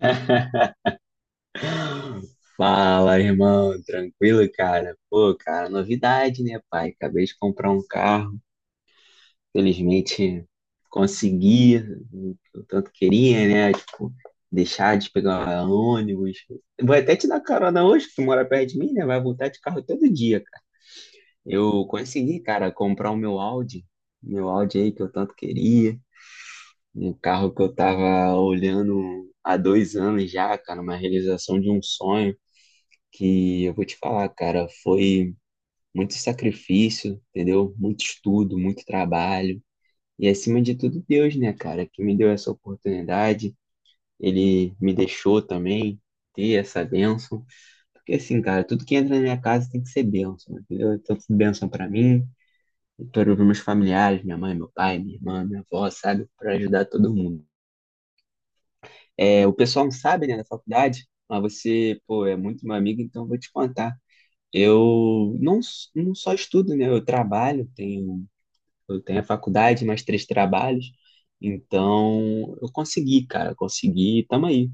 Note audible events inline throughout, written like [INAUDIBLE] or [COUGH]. [LAUGHS] Fala, irmão, tranquilo, cara? Pô, cara, novidade, né, pai? Acabei de comprar um carro, felizmente consegui o que eu tanto queria, né? Tipo, deixar de pegar ônibus. Vou até te dar carona hoje, que tu mora perto de mim, né? Vai voltar de carro todo dia, cara. Eu consegui, cara, comprar o meu Audi aí que eu tanto queria, um carro que eu tava olhando há 2 anos já, cara, uma realização de um sonho. Que eu vou te falar, cara, foi muito sacrifício, entendeu? Muito estudo, muito trabalho. E acima de tudo, Deus, né, cara, que me deu essa oportunidade. Ele me deixou também ter essa bênção. Porque assim, cara, tudo que entra na minha casa tem que ser bênção, entendeu? Então, tudo bênção pra mim, para os meus familiares, minha mãe, meu pai, minha irmã, minha avó, sabe? Pra ajudar todo mundo. É, o pessoal não sabe, né, da faculdade, mas você, pô, é muito meu amigo, então eu vou te contar. Eu não, não só estudo, né? Eu trabalho, eu tenho a faculdade, mais três trabalhos. Então, eu consegui, cara, eu consegui, tamo aí.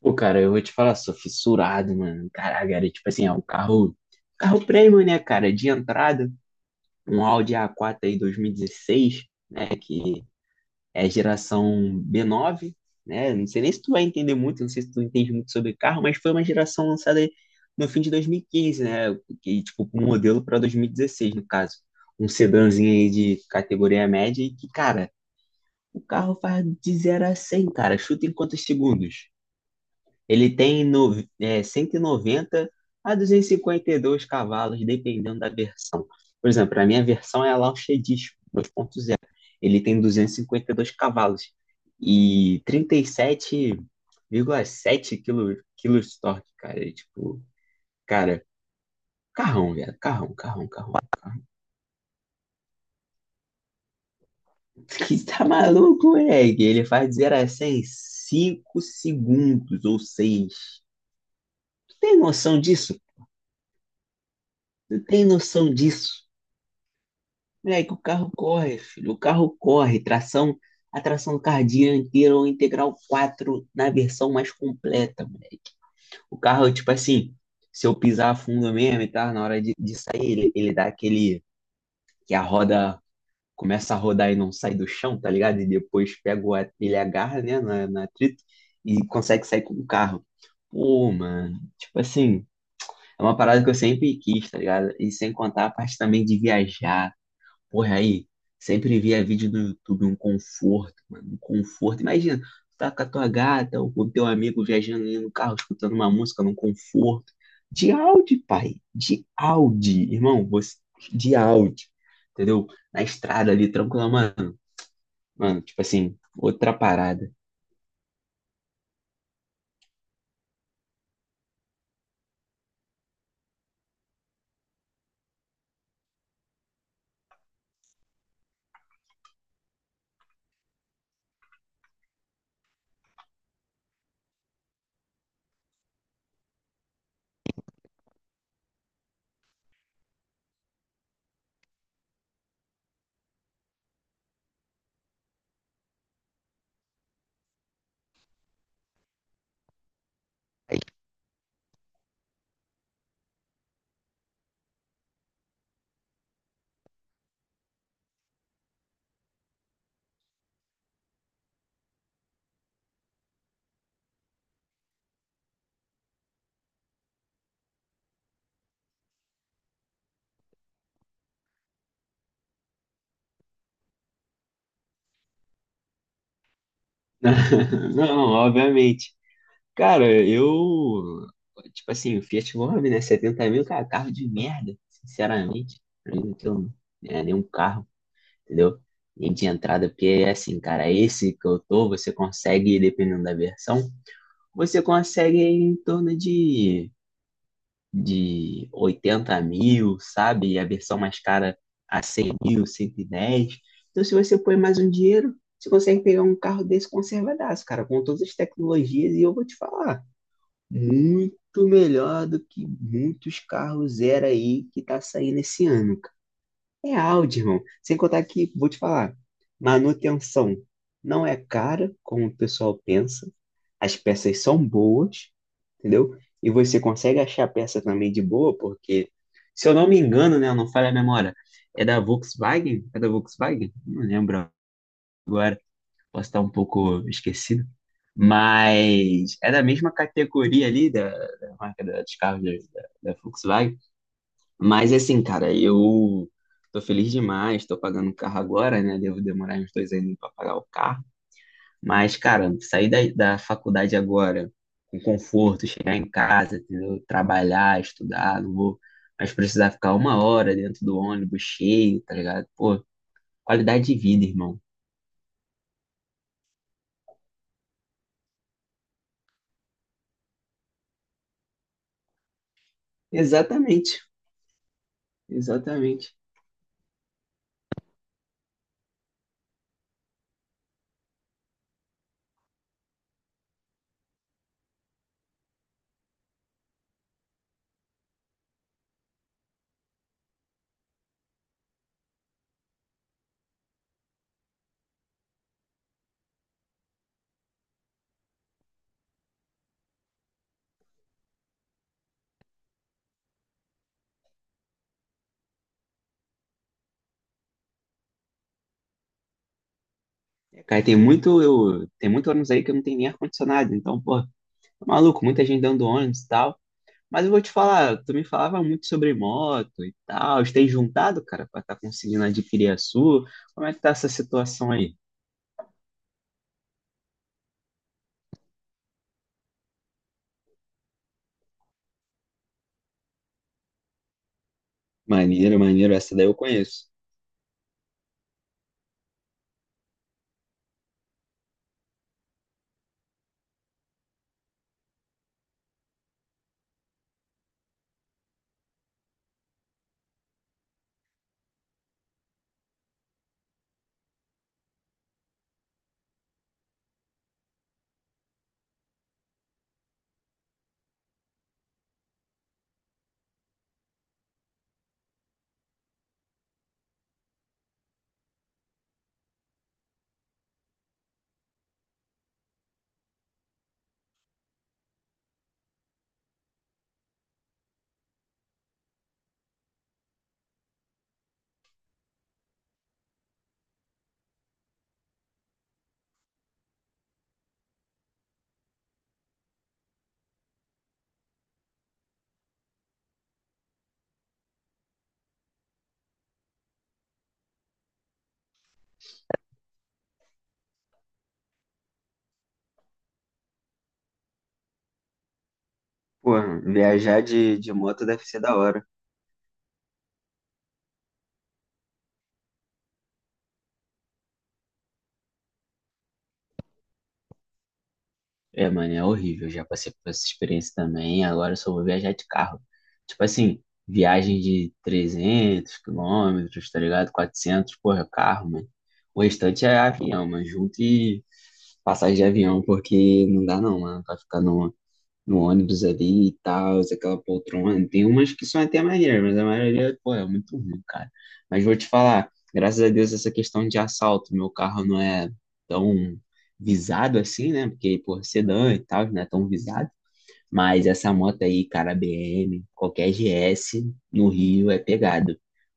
Pô, cara, eu vou te falar, sou fissurado, mano. Caraca, era tipo assim, é um carro premium, né, cara, de entrada, um Audi A4 aí 2016, né, que é geração B9, né? Não sei nem se tu vai entender muito, não sei se tu entende muito sobre carro, mas foi uma geração lançada no fim de 2015, né? Que, tipo, um modelo para 2016, no caso. Um sedãzinho aí de categoria média e que, cara, o carro faz de zero a 100, cara. Chuta em quantos segundos? Ele tem no, é, 190 a duzentos e cinquenta e dois cavalos, dependendo da versão. Por exemplo, a minha versão é a Launch 2.0. Ele tem duzentos e cinquenta e dois cavalos e 37,7 quilos de torque, cara. É tipo, cara, carrão, velho. Carrão, carrão, carrão, carrão. [LAUGHS] Que tá maluco, moleque? Ele faz de 0 a 100 em 5 segundos ou 6? Tu tem noção disso? Tu tem noção disso? Moleque, o carro corre, filho. O carro corre. A tração carro inteira ou integral 4 na versão mais completa, moleque. O carro, tipo assim, se eu pisar fundo mesmo e tal, na hora de sair, ele dá aquele. Que a roda começa a rodar e não sai do chão, tá ligado? E depois pega ele agarra, né, na trito e consegue sair com o carro. Pô, mano, tipo assim, é uma parada que eu sempre quis, tá ligado? E sem contar a parte também de viajar. Porra, aí, sempre via vídeo no YouTube, um conforto, mano, um conforto. Imagina, tu tá com a tua gata ou com o teu amigo viajando ali no carro, escutando uma música num conforto. De Audi, pai, de Audi, irmão, você, de Audi, entendeu? Na estrada ali, tranquila, mano, tipo assim, outra parada. [LAUGHS] Não, obviamente. Cara, eu, tipo assim, o Fiat Mobi, né, 70 mil, cara, carro de merda, sinceramente. Pra mim, aquilo não é nenhum carro, entendeu? E de entrada, porque é assim, cara, esse que eu tô, você consegue, dependendo da versão, você consegue em torno de 80 mil, sabe? E a versão mais cara a 100 mil, 110. Então, se você põe mais um dinheiro, você consegue pegar um carro desse conservadaço, cara, com todas as tecnologias. E eu vou te falar, muito melhor do que muitos carros zero aí que tá saindo esse ano. É áudio, irmão. Sem contar que, vou te falar, manutenção não é cara, como o pessoal pensa. As peças são boas, entendeu? E você consegue achar a peça também de boa, porque, se eu não me engano, né, não falha a memória, é da Volkswagen? É da Volkswagen? Não lembro, posso estar um pouco esquecido. Mas é da mesma categoria ali da marca dos carros da Volkswagen. Mas assim, cara, eu tô feliz demais, tô pagando o carro agora, né? Devo demorar uns 2 anos pra pagar o carro. Mas, cara, sair da faculdade agora com conforto, chegar em casa, entendeu? Trabalhar, estudar, não vou mais precisar ficar uma hora dentro do ônibus cheio, tá ligado? Pô, qualidade de vida, irmão. Exatamente, exatamente. É, cara, tem muito ônibus aí que não tem nem ar-condicionado, então, pô, maluco, muita gente dando ônibus e tal. Mas eu vou te falar, tu me falava muito sobre moto e tal. Tem juntado, cara, pra estar conseguindo adquirir a sua? Como é que tá essa situação aí? Maneiro, maneiro, essa daí eu conheço. Pô, viajar de moto deve ser da hora. É, mano, é horrível. Já passei por essa experiência também. Agora eu só vou viajar de carro. Tipo assim, viagem de 300 quilômetros, tá ligado? Quatrocentos. Porra, carro, mano. O restante é avião, mano. Junto e passagem de avião, porque não dá não, mano. Pra ficar no ônibus ali e tal, aquela poltrona. Tem umas que são até maneiras, mas a maioria, pô, é muito ruim, cara. Mas vou te falar, graças a Deus essa questão de assalto, meu carro não é tão visado assim, né? Porque, pô, sedã e tal, não é tão visado. Mas essa moto aí, cara, BM, qualquer GS no Rio é pegado.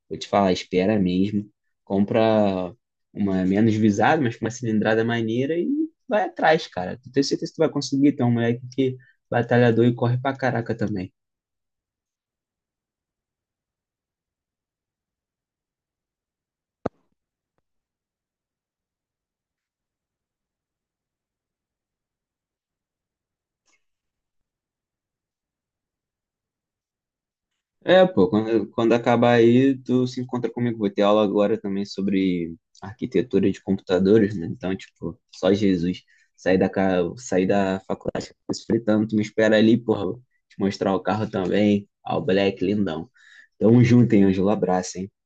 Vou te falar, espera mesmo. Compra uma menos visada, mas com uma cilindrada maneira e vai atrás, cara. Tenho certeza que tu vai conseguir. Tem um moleque que é batalhador e corre pra caraca também. É, pô, quando acabar aí, tu se encontra comigo. Vou ter aula agora também sobre arquitetura de computadores, né? Então, tipo, só Jesus. Sair da faculdade se fritando, tu me espera ali, porra. Te mostrar o carro também. Ó, o Black, lindão. Tamo junto, hein, Ângelo? Abraço, hein?